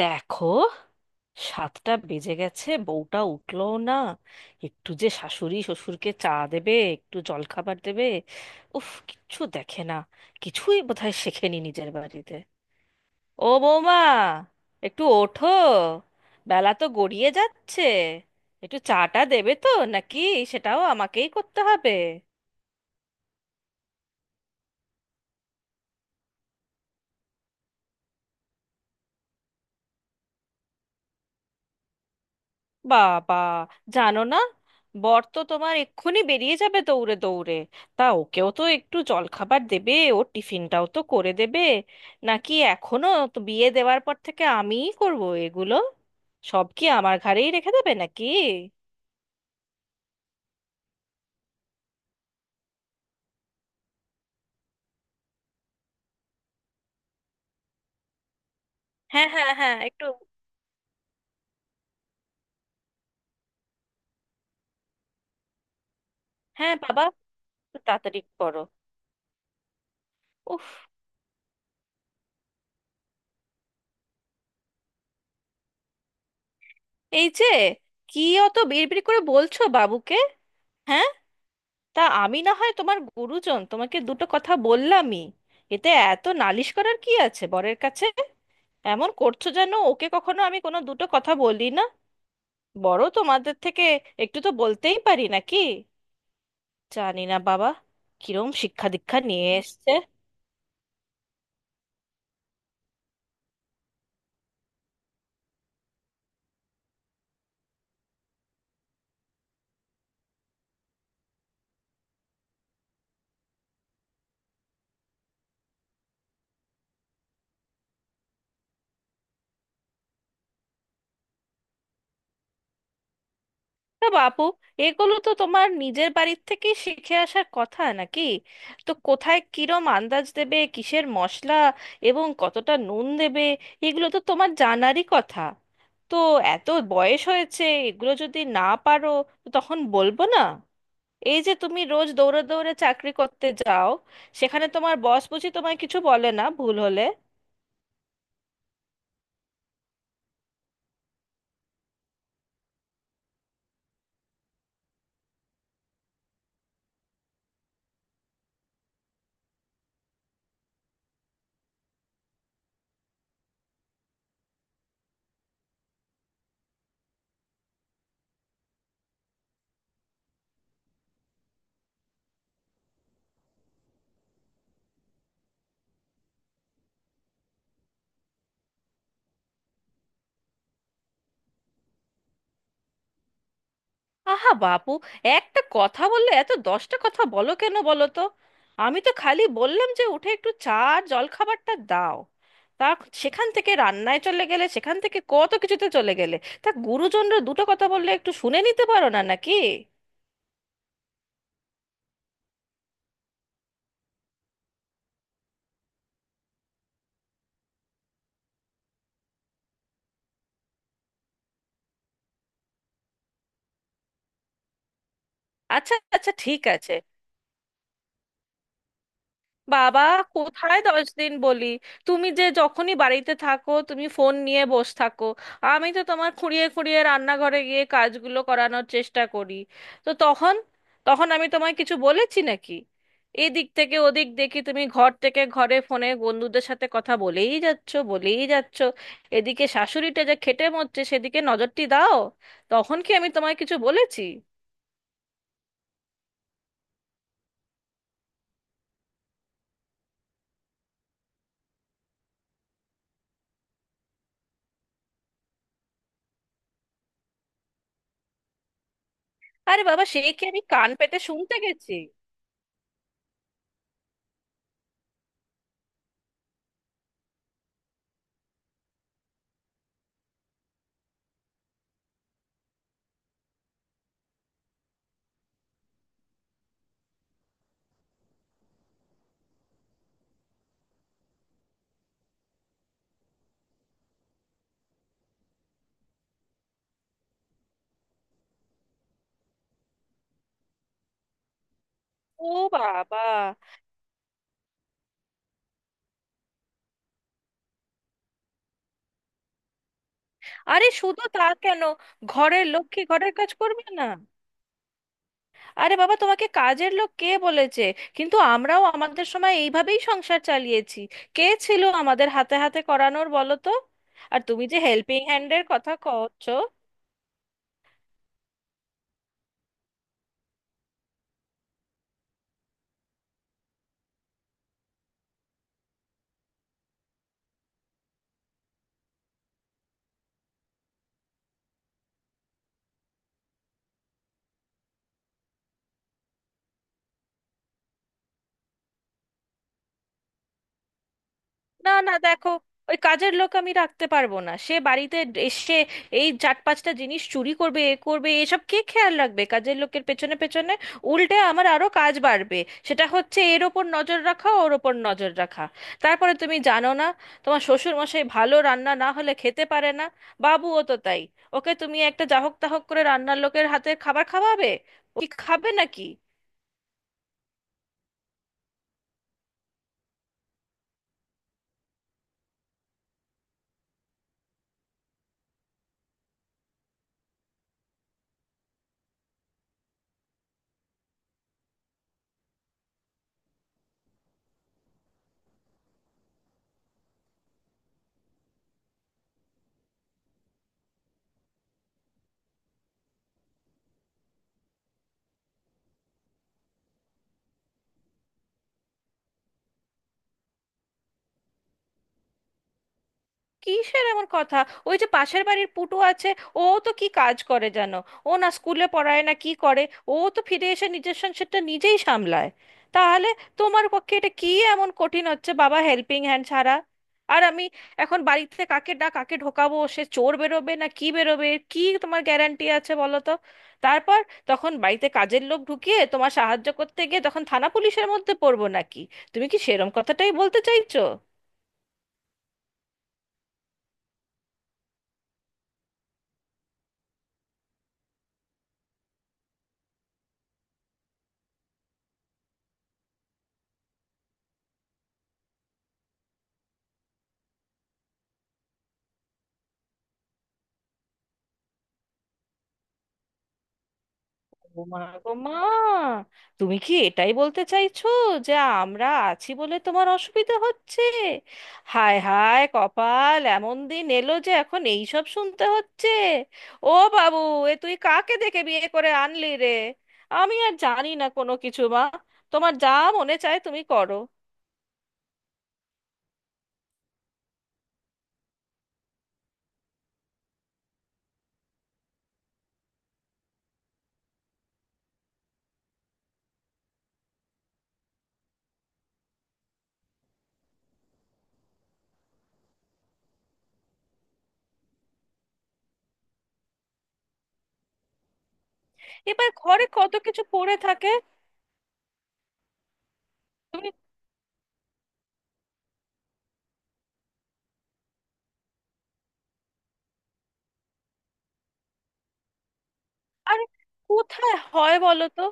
দেখো, সাতটা বেজে গেছে, বউটা উঠলো না। একটু যে শাশুড়ি শ্বশুরকে চা দেবে, একটু জলখাবার দেবে। উফ, কিচ্ছু দেখে না। কিছুই বোধহয় শেখেনি নিজের বাড়িতে। ও বৌমা, একটু ওঠো, বেলা তো গড়িয়ে যাচ্ছে। একটু চাটা দেবে তো, নাকি সেটাও আমাকেই করতে হবে? বাবা, জানো না, বর তো তোমার এক্ষুনি বেরিয়ে যাবে দৌড়ে দৌড়ে। তা ওকেও তো একটু জলখাবার দেবে, ওর টিফিনটাও তো করে দেবে, নাকি এখনো? তো বিয়ে দেওয়ার পর থেকে আমিই করব এগুলো? সব কি আমার ঘাড়েই রেখে দেবে নাকি? হ্যাঁ, হ্যাঁ, হ্যাঁ, একটু। হ্যাঁ বাবা, একটু তাড়াতাড়ি করো। উফ! এই যে, কি অত বিড়বিড় করে বলছো বাবুকে? হ্যাঁ, তা আমি না হয় তোমার গুরুজন, তোমাকে দুটো কথা বললামই, এতে এত নালিশ করার কি আছে বরের কাছে? এমন করছো যেন ওকে কখনো আমি কোনো দুটো কথা বলি না। বড় তোমাদের থেকে, একটু তো বলতেই পারি, নাকি? জানি না বাবা, কিরম শিক্ষা দীক্ষা নিয়ে এসছে। না বাপু, এগুলো তো তোমার নিজের বাড়ির থেকে শিখে আসার কথা, নাকি? তো কোথায় কিরম আন্দাজ দেবে, কিসের মশলা এবং কতটা নুন দেবে, এগুলো তো তোমার জানারই কথা। তো এত বয়স হয়েছে, এগুলো যদি না পারো, তো তখন বলবো না? এই যে তুমি রোজ দৌড়ে দৌড়ে চাকরি করতে যাও, সেখানে তোমার বস বুঝি তোমায় কিছু বলে না ভুল হলে? আহা বাপু, একটা কথা বললে এত দশটা কথা বলো কেন বলো তো? আমি তো খালি বললাম যে উঠে একটু চা আর জলখাবারটা দাও। তা সেখান থেকে রান্নায় চলে গেলে, সেখান থেকে কত কিছুতে চলে গেলে। তা গুরুজনরা দুটো কথা বললে একটু শুনে নিতে পারো না নাকি? আচ্ছা আচ্ছা, ঠিক আছে। বাবা, কোথায় দশ দিন বলি? তুমি যে যখনই বাড়িতে থাকো, তুমি ফোন নিয়ে বসে থাকো। আমি তো তোমার খুঁড়িয়ে খুঁড়িয়ে রান্নাঘরে গিয়ে কাজগুলো করানোর চেষ্টা করি, তো তখন, তখন আমি তোমায় কিছু বলেছি নাকি? এদিক থেকে ওদিক দেখি তুমি ঘর থেকে ঘরে ফোনে বন্ধুদের সাথে কথা বলেই যাচ্ছ, বলেই যাচ্ছ। এদিকে শাশুড়িটা যে খেটে মরছে, সেদিকে নজরটি দাও। তখন কি আমি তোমায় কিছু বলেছি? আরে বাবা, সে কি আমি কান পেতে শুনতে গেছি? ও বাবা! আরে শুধু তা কেন, ঘরের লক্ষ্মী ঘরের কাজ করবে না? আরে বাবা, তোমাকে কাজের লোক কে বলেছে? কিন্তু আমরাও আমাদের সময় এইভাবেই সংসার চালিয়েছি, কে ছিল আমাদের হাতে হাতে করানোর বলো তো? আর তুমি যে হেল্পিং হ্যান্ডের কথা কচ্ছ, না না দেখো, ওই কাজের লোক আমি রাখতে পারবো না। সে বাড়িতে এসে এই চার পাঁচটা জিনিস চুরি করবে, এ করবে, এসব কে খেয়াল রাখবে কাজের লোকের পেছনে পেছনে? উল্টে আমার আরো কাজ বাড়বে, সেটা হচ্ছে এর ওপর নজর রাখা, ওর ওপর নজর রাখা। তারপরে তুমি জানো না, তোমার শ্বশুর মশাই ভালো রান্না না হলে খেতে পারে না, বাবুও তো তাই। ওকে তুমি একটা জাহক তাহক করে রান্নার লোকের হাতে খাবার খাওয়াবে, ও কি খাবে নাকি? কিসের এমন কথা? ওই যে পাশের বাড়ির পুটু আছে, ও তো কি কাজ করে জানো? ও না স্কুলে পড়ায় না কি করে। ও তো ফিরে এসে নিজের সংসারটা নিজেই সামলায়। তাহলে তোমার পক্ষে এটা কি এমন কঠিন হচ্ছে বাবা, হেল্পিং হ্যান্ড ছাড়া? আর আমি এখন বাড়িতে কাকে ডাক, কাকে ঢোকাবো, সে চোর বেরোবে না কি বেরোবে, এর কি তোমার গ্যারান্টি আছে বলো তো? তারপর তখন বাড়িতে কাজের লোক ঢুকিয়ে তোমার সাহায্য করতে গিয়ে তখন থানা পুলিশের মধ্যে পড়বো নাকি? তুমি কি সেরম কথাটাই বলতে চাইছো? ওমা গো মা! তুমি কি এটাই বলতে চাইছো যে আমরা আছি বলে তোমার অসুবিধা হচ্ছে? হায় হায় কপাল, এমন দিন এলো যে এখন এই সব শুনতে হচ্ছে! ও বাবু, এ তুই কাকে দেখে বিয়ে করে আনলি রে? আমি আর জানি না কোনো কিছু মা, তোমার যা মনে চায় তুমি করো। এবার ঘরে কত কিছু পড়ে থাকে। তুমি, আরে কোথায় হয় বলো তো?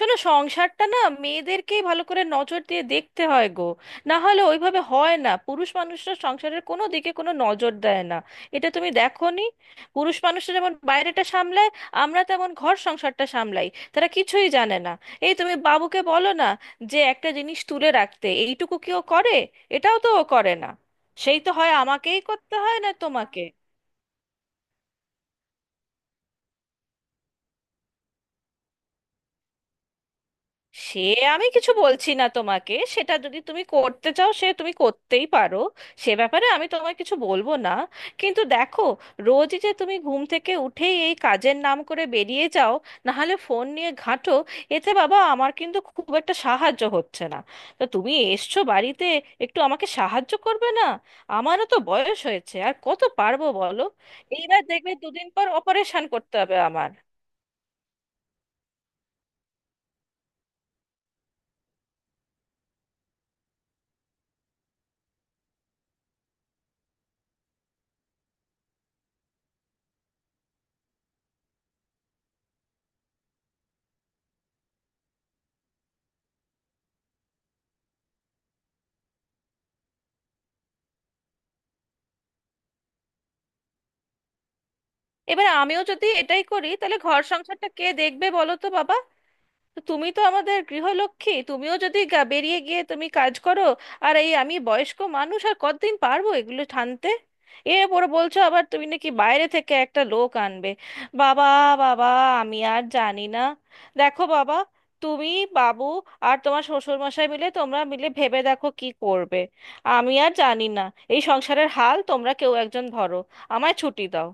শোনো, সংসারটা না মেয়েদেরকেই ভালো করে নজর দিয়ে দেখতে হয় গো, না হলে ওইভাবে হয় না। পুরুষ মানুষরা সংসারের কোনো দিকে কোনো নজর দেয় না, এটা তুমি দেখোনি? পুরুষ মানুষরা যেমন বাইরেটা সামলায়, আমরা তেমন ঘর সংসারটা সামলাই, তারা কিছুই জানে না। এই তুমি বাবুকে বলো না, যে একটা জিনিস তুলে রাখতে এইটুকু কি ও করে? এটাও তো ও করে না, সেই তো হয় আমাকেই করতে হয় না তোমাকে? সে আমি কিছু বলছি না তোমাকে, সেটা যদি তুমি করতে চাও, সে তুমি করতেই পারো, সে ব্যাপারে আমি তোমায় কিছু বলবো না। কিন্তু দেখো, রোজই যে তুমি ঘুম থেকে উঠেই এই কাজের নাম করে বেরিয়ে যাও, নাহলে ফোন নিয়ে ঘাঁটো, এতে বাবা আমার কিন্তু খুব একটা সাহায্য হচ্ছে না। তো তুমি এসছো বাড়িতে, একটু আমাকে সাহায্য করবে না? আমারও তো বয়স হয়েছে, আর কত পারবো বলো? এইবার দেখবে দুদিন পর অপারেশন করতে হবে আমার। এবার আমিও যদি এটাই করি, তাহলে ঘর সংসারটা কে দেখবে বলো তো বাবা? তো তুমি তো আমাদের গৃহলক্ষ্মী, তুমিও যদি বেরিয়ে গিয়ে তুমি কাজ করো, আর এই আমি বয়স্ক মানুষ, আর কতদিন পারবো এগুলো টানতে? এর পরে বলছো আবার তুমি নাকি বাইরে থেকে একটা লোক আনবে। বাবা, বাবা, আমি আর জানি না। দেখো বাবা, তুমি, বাবু আর তোমার শ্বশুর মশাই মিলে তোমরা মিলে ভেবে দেখো কি করবে। আমি আর জানি না। এই সংসারের হাল তোমরা কেউ একজন ধরো, আমায় ছুটি দাও।